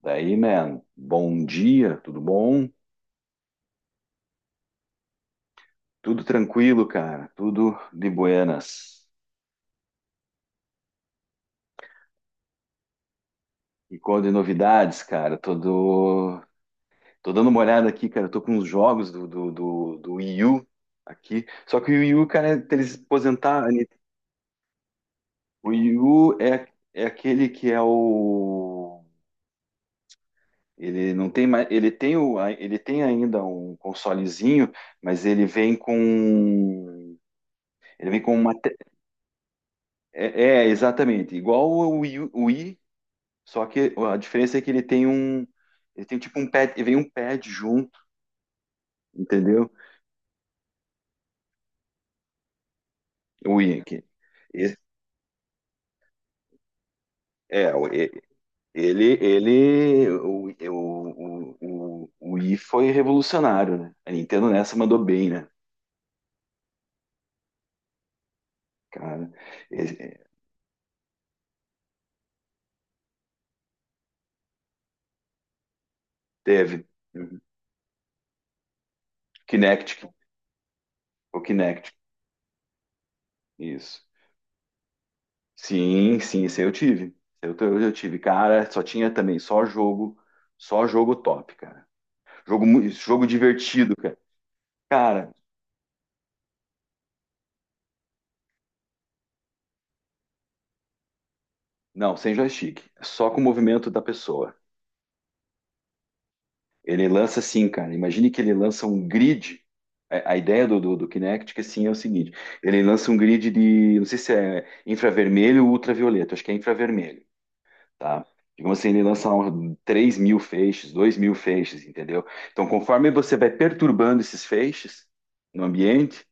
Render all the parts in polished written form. Daí, man, bom dia, tudo bom? Tudo tranquilo, cara, tudo de buenas. E qual de novidades, cara? Tô dando uma olhada aqui, cara, tô com uns jogos do Wii U aqui. Só que o Wii U, cara, eles aposentaram. O Wii U é aquele que é o. Ele não tem mais. Ele tem ainda um consolezinho, mas ele vem com. Ele vem com uma. É, exatamente. Igual o Wii. Só que a diferença é que ele tem um. Ele tem tipo um pad. Vem um pad junto, entendeu? O Yankee. E- É, o- e- ele, o Wii foi revolucionário, né? A Nintendo nessa mandou bem, né? Cara, E- é, teve. Uhum. Kinect, o Kinect, isso. Sim, sim, esse aí eu tive. Esse aí eu tive, cara, só tinha também só jogo top, cara. Jogo divertido, cara. Cara, não, sem joystick. Só com o movimento da pessoa. Ele lança assim, cara. Imagine que ele lança um grid. A ideia do Kinect, que assim, é o seguinte: ele lança um grid de, não sei se é infravermelho ou ultravioleta, acho que é infravermelho, tá? Digamos assim, ele lança 3.000 feixes, 2.000 feixes, entendeu? Então, conforme você vai perturbando esses feixes no ambiente,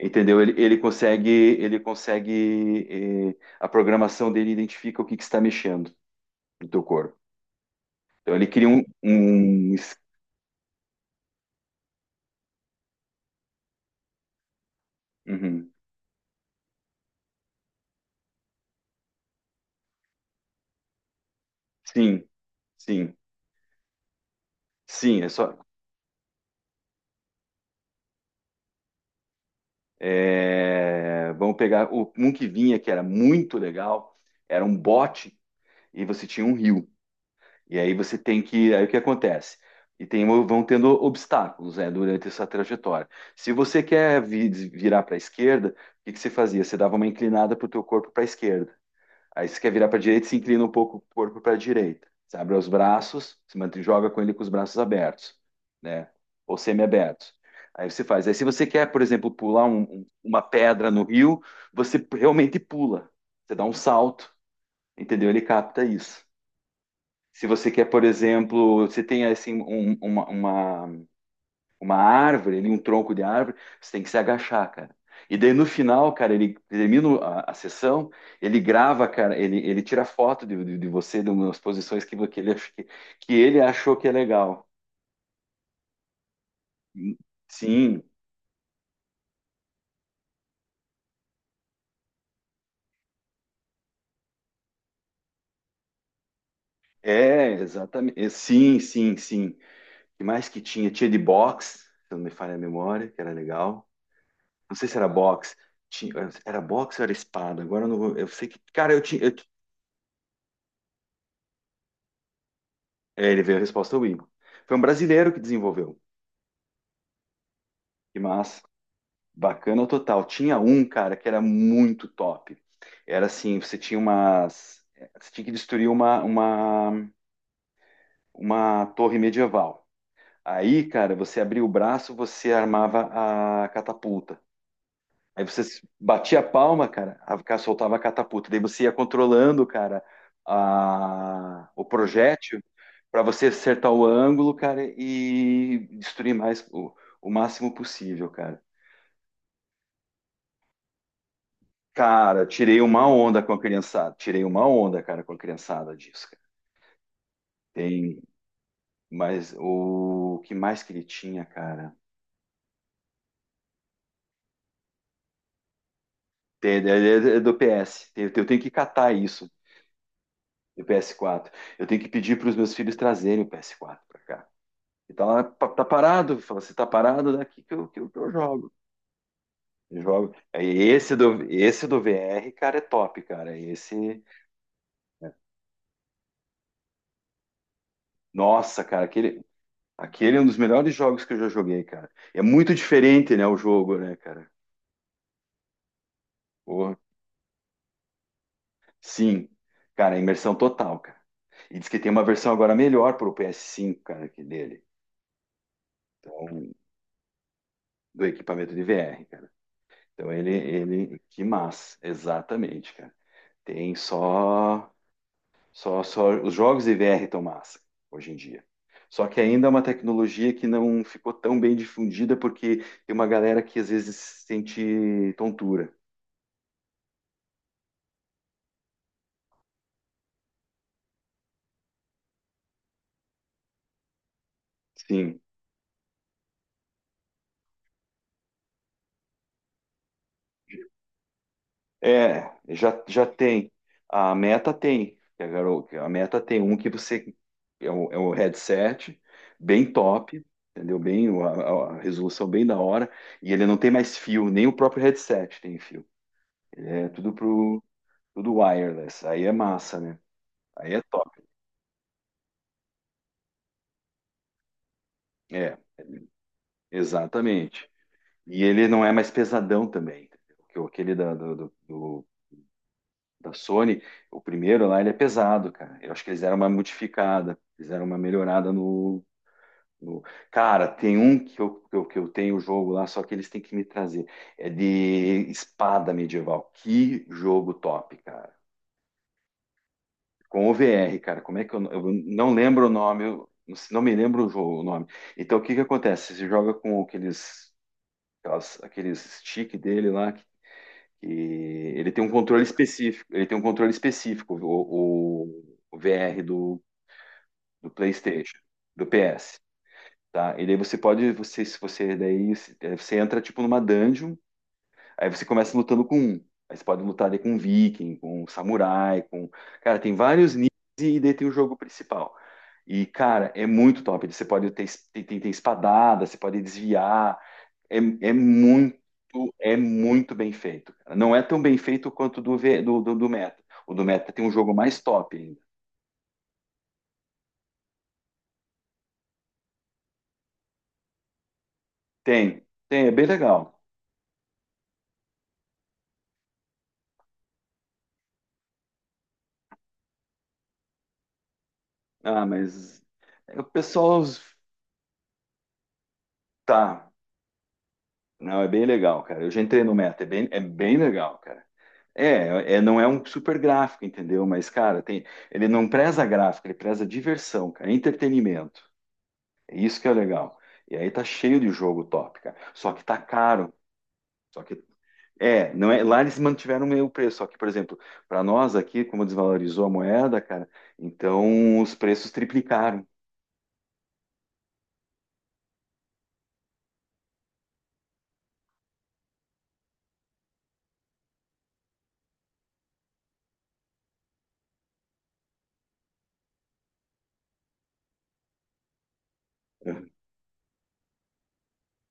entendeu? Ele consegue, a programação dele identifica o que que está mexendo no teu corpo. Então ele cria um. Uhum. Sim, sim, sim, é só. Vamos pegar um que vinha que era muito legal, era um bote e você tinha um rio. E aí você tem que. Aí o que acontece? Vão tendo obstáculos, né, durante essa trajetória. Se você quer virar para a esquerda, o que que você fazia? Você dava uma inclinada para o teu corpo para a esquerda. Aí você quer virar para a direita, se inclina um pouco o corpo para a direita. Você abre os braços, se mantém, joga com ele com os braços abertos, né? Ou semi abertos. Aí você faz. Aí se você quer, por exemplo, pular uma pedra no rio, você realmente pula. Você dá um salto, entendeu? Ele capta isso. Se você quer, por exemplo, você tem assim uma árvore ali, um tronco de árvore, você tem que se agachar, cara. E daí no final, cara, ele termina a sessão, ele grava, cara, ele tira foto de você, de umas posições que ele achou que é legal. Sim, é, exatamente. Sim, sim, sim. O que mais que tinha? Tinha de boxe, se não me falha a memória, que era legal. Não sei se era, aham, boxe. Tinha, Era boxe ou era espada? Agora eu não vou. Eu sei que. Cara, eu tinha. Ele veio a resposta Wii. Foi um brasileiro que desenvolveu. Que massa. Bacana total. Tinha um, cara, que era muito top. Era assim, você tinha umas. Você tinha que destruir uma torre medieval. Aí, cara, você abria o braço, você armava a catapulta. Aí você batia a palma, cara, a cara soltava a catapulta. Daí você ia controlando, cara, o projétil para você acertar o ângulo, cara, e destruir mais o máximo possível, cara. Cara, tirei uma onda com a criançada. Tirei uma onda, cara, com a criançada disso, cara. Tem, mas o que mais que ele tinha, cara? É do PS. Eu tenho que catar isso do PS4. Eu tenho que pedir para os meus filhos trazerem o PS4 para cá. E tá lá, tá parado. Fala, se tá parado, daqui que eu jogo. Eu jogo. Aí, esse do VR, cara, é top, cara. Nossa, cara, aquele é um dos melhores jogos que eu já joguei, cara. É muito diferente, né, o jogo, né, cara? Porra. Sim, cara, imersão total, cara. E diz que tem uma versão agora melhor para o PS5, cara, que dele, com- do equipamento de VR, cara. Então ele, que massa, exatamente, cara. Tem só os jogos de VR estão massa hoje em dia. Só que ainda é uma tecnologia que não ficou tão bem difundida porque tem uma galera que às vezes sente tontura. Sim, é, já tem. A Meta tem. Que A garo- que a Meta tem um que você. É um headset bem top, entendeu? Bem, a resolução bem da hora. E ele não tem mais fio, nem o próprio headset tem fio. É tudo wireless. Aí é massa, né? Aí é top. É, exatamente. E ele não é mais pesadão também, entendeu? Aquele da, do, do- do- da Sony, o primeiro lá, ele é pesado, cara. Eu acho que eles deram uma modificada, fizeram uma melhorada no. O- Cara, tem um que eu tenho o jogo lá, só que eles têm que me trazer. É de espada medieval. Que jogo top, cara. Com o VR, cara. Como é que eu, não lembro o nome, eu não me lembro o jogo, o nome. Então, o que que acontece? Você joga com aqueles stick dele lá, que ele tem um controle específico. Ele tem um controle específico, o VR do PlayStation, do PS. Tá, e daí você pode, você, se você, daí se- eh, você entra tipo numa dungeon, aí você começa lutando com um. Aí você pode lutar daí com um viking, com um samurai, com. Cara, tem vários níveis e daí tem o jogo principal. E, cara, é muito top. Você pode ter, es- tem, tem, tem espadada, você pode desviar. É, é muito, é muito bem feito, cara. Não é tão bem feito quanto do Meta. O do Meta tem um jogo mais top ainda. É bem legal. Ah, mas o pessoal tá. Não, é bem legal, cara. Eu já entrei no Meta, é bem legal, cara. É, não é um super gráfico, entendeu? Mas, cara, ele não preza gráfico, ele preza diversão, cara, entretenimento. É isso que é legal. E aí tá cheio de jogo top, cara. Só que tá caro. Só que não é, lá eles mantiveram meio preço, só que, por exemplo, para nós aqui, como desvalorizou a moeda, cara, então os preços triplicaram.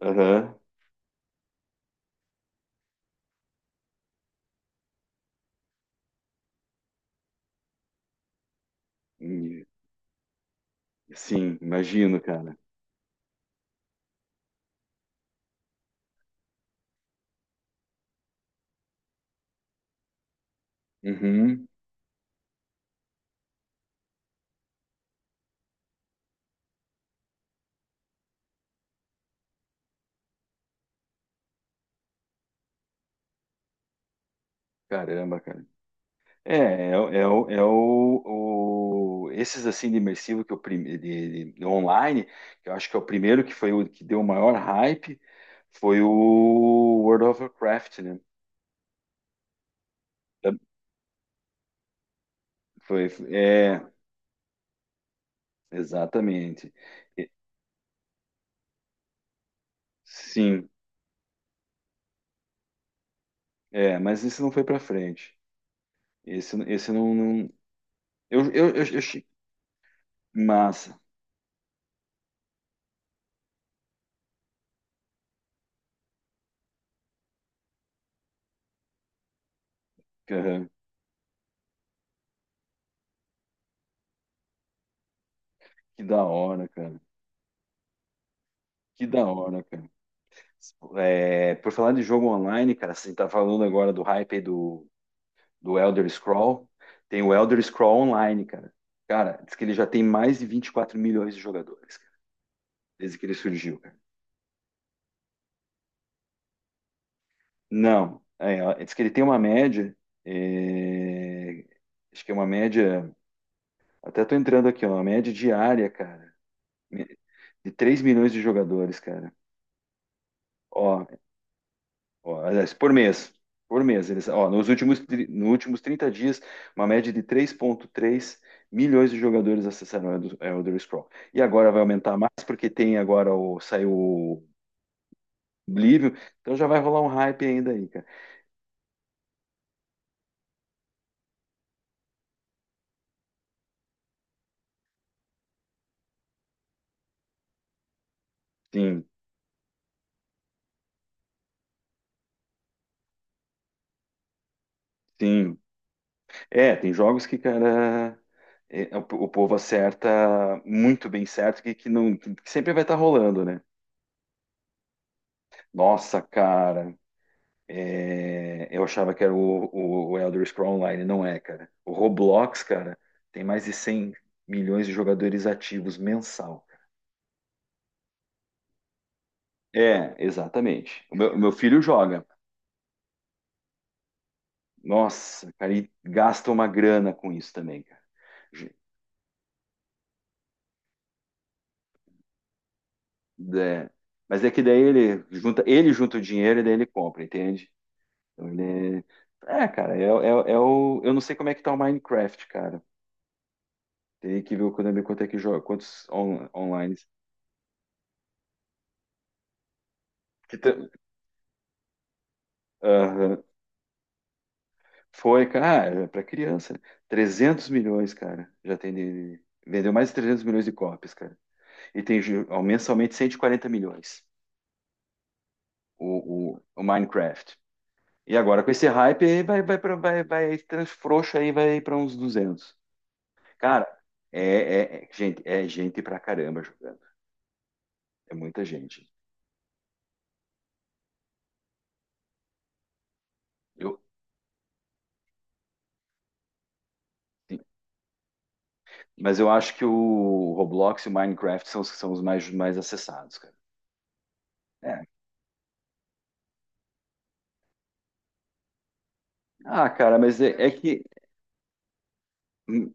Aham. Sim, imagino, cara. Uhum. Caramba, cara. É, é, o, é o, é o- esses assim de imersivo que eu prim- de online, que eu acho que é o primeiro que foi o que deu o maior hype, foi o World of Warcraft, né? Da- Foi, é, exatamente. E- Sim, é, mas esse não foi pra frente. Esse não, não. Eu achei massa, cara. Que da hora, cara. Que da hora, cara. É, por falar de jogo online, cara, você tá falando agora do hype aí do do Elder Scroll. Tem o Elder Scroll Online, cara. Cara, diz que ele já tem mais de 24 milhões de jogadores, cara, desde que ele surgiu, cara. Não, ó, diz que ele tem uma média, é, acho que é uma média, até tô entrando aqui, ó, uma média diária, cara, de 3 milhões de jogadores, cara. Ó, ó, aliás, por mês. Por mês. Eles, ó, nos últimos 30 dias, uma média de 3,3 milhões de jogadores acessaram o Elder Scrolls. E agora vai aumentar mais, porque saiu o Oblivion. Então já vai rolar um hype ainda aí, cara. Sim, sim. É, tem jogos que, cara. O povo acerta muito bem certo, que, não, que sempre vai estar rolando, né? Nossa, cara. É, eu achava que era o Elder Scrolls Online, não é, cara. O Roblox, cara, tem mais de 100 milhões de jogadores ativos mensal. É, exatamente. O meu filho joga. Nossa, cara, e gasta uma grana com isso também, cara. Ju- é, mas é que daí ele junta o dinheiro e daí ele compra, entende? Então, cara, eu não sei como é que tá o Minecraft, cara. Teria que ver o Konami quanto é que joga, quantos online. Que tam- Aham. Foi, cara, para criança. 300 milhões, cara. Já tem vendeu mais de 300 milhões de cópias, cara. E ó, mensalmente 140 milhões o Minecraft. E agora com esse hype aí vai frouxo aí vai para uns 200. Cara, é gente, é gente pra caramba jogando. É muita gente. Eu mas eu acho que o Roblox e o Minecraft são os mais acessados, cara. É. Ah, cara, mas é que hum,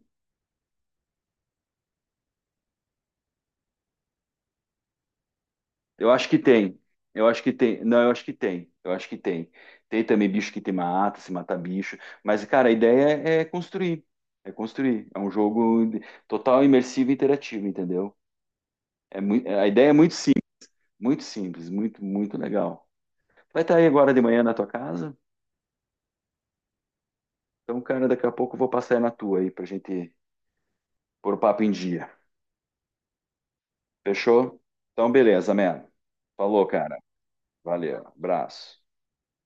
Eu acho que tem. Eu acho que tem. Não, eu acho que tem. Eu acho que tem. Tem também bicho que te mata, se mata bicho. Mas, cara, a ideia é construir. É construir. É um jogo total imersivo e interativo, entendeu? A ideia é muito simples, muito simples, muito, muito legal. Vai estar aí agora de manhã na tua casa? Então, cara, daqui a pouco eu vou passar aí na tua aí pra gente pôr o papo em dia. Fechou? Então, beleza, man. Falou, cara. Valeu. Abraço.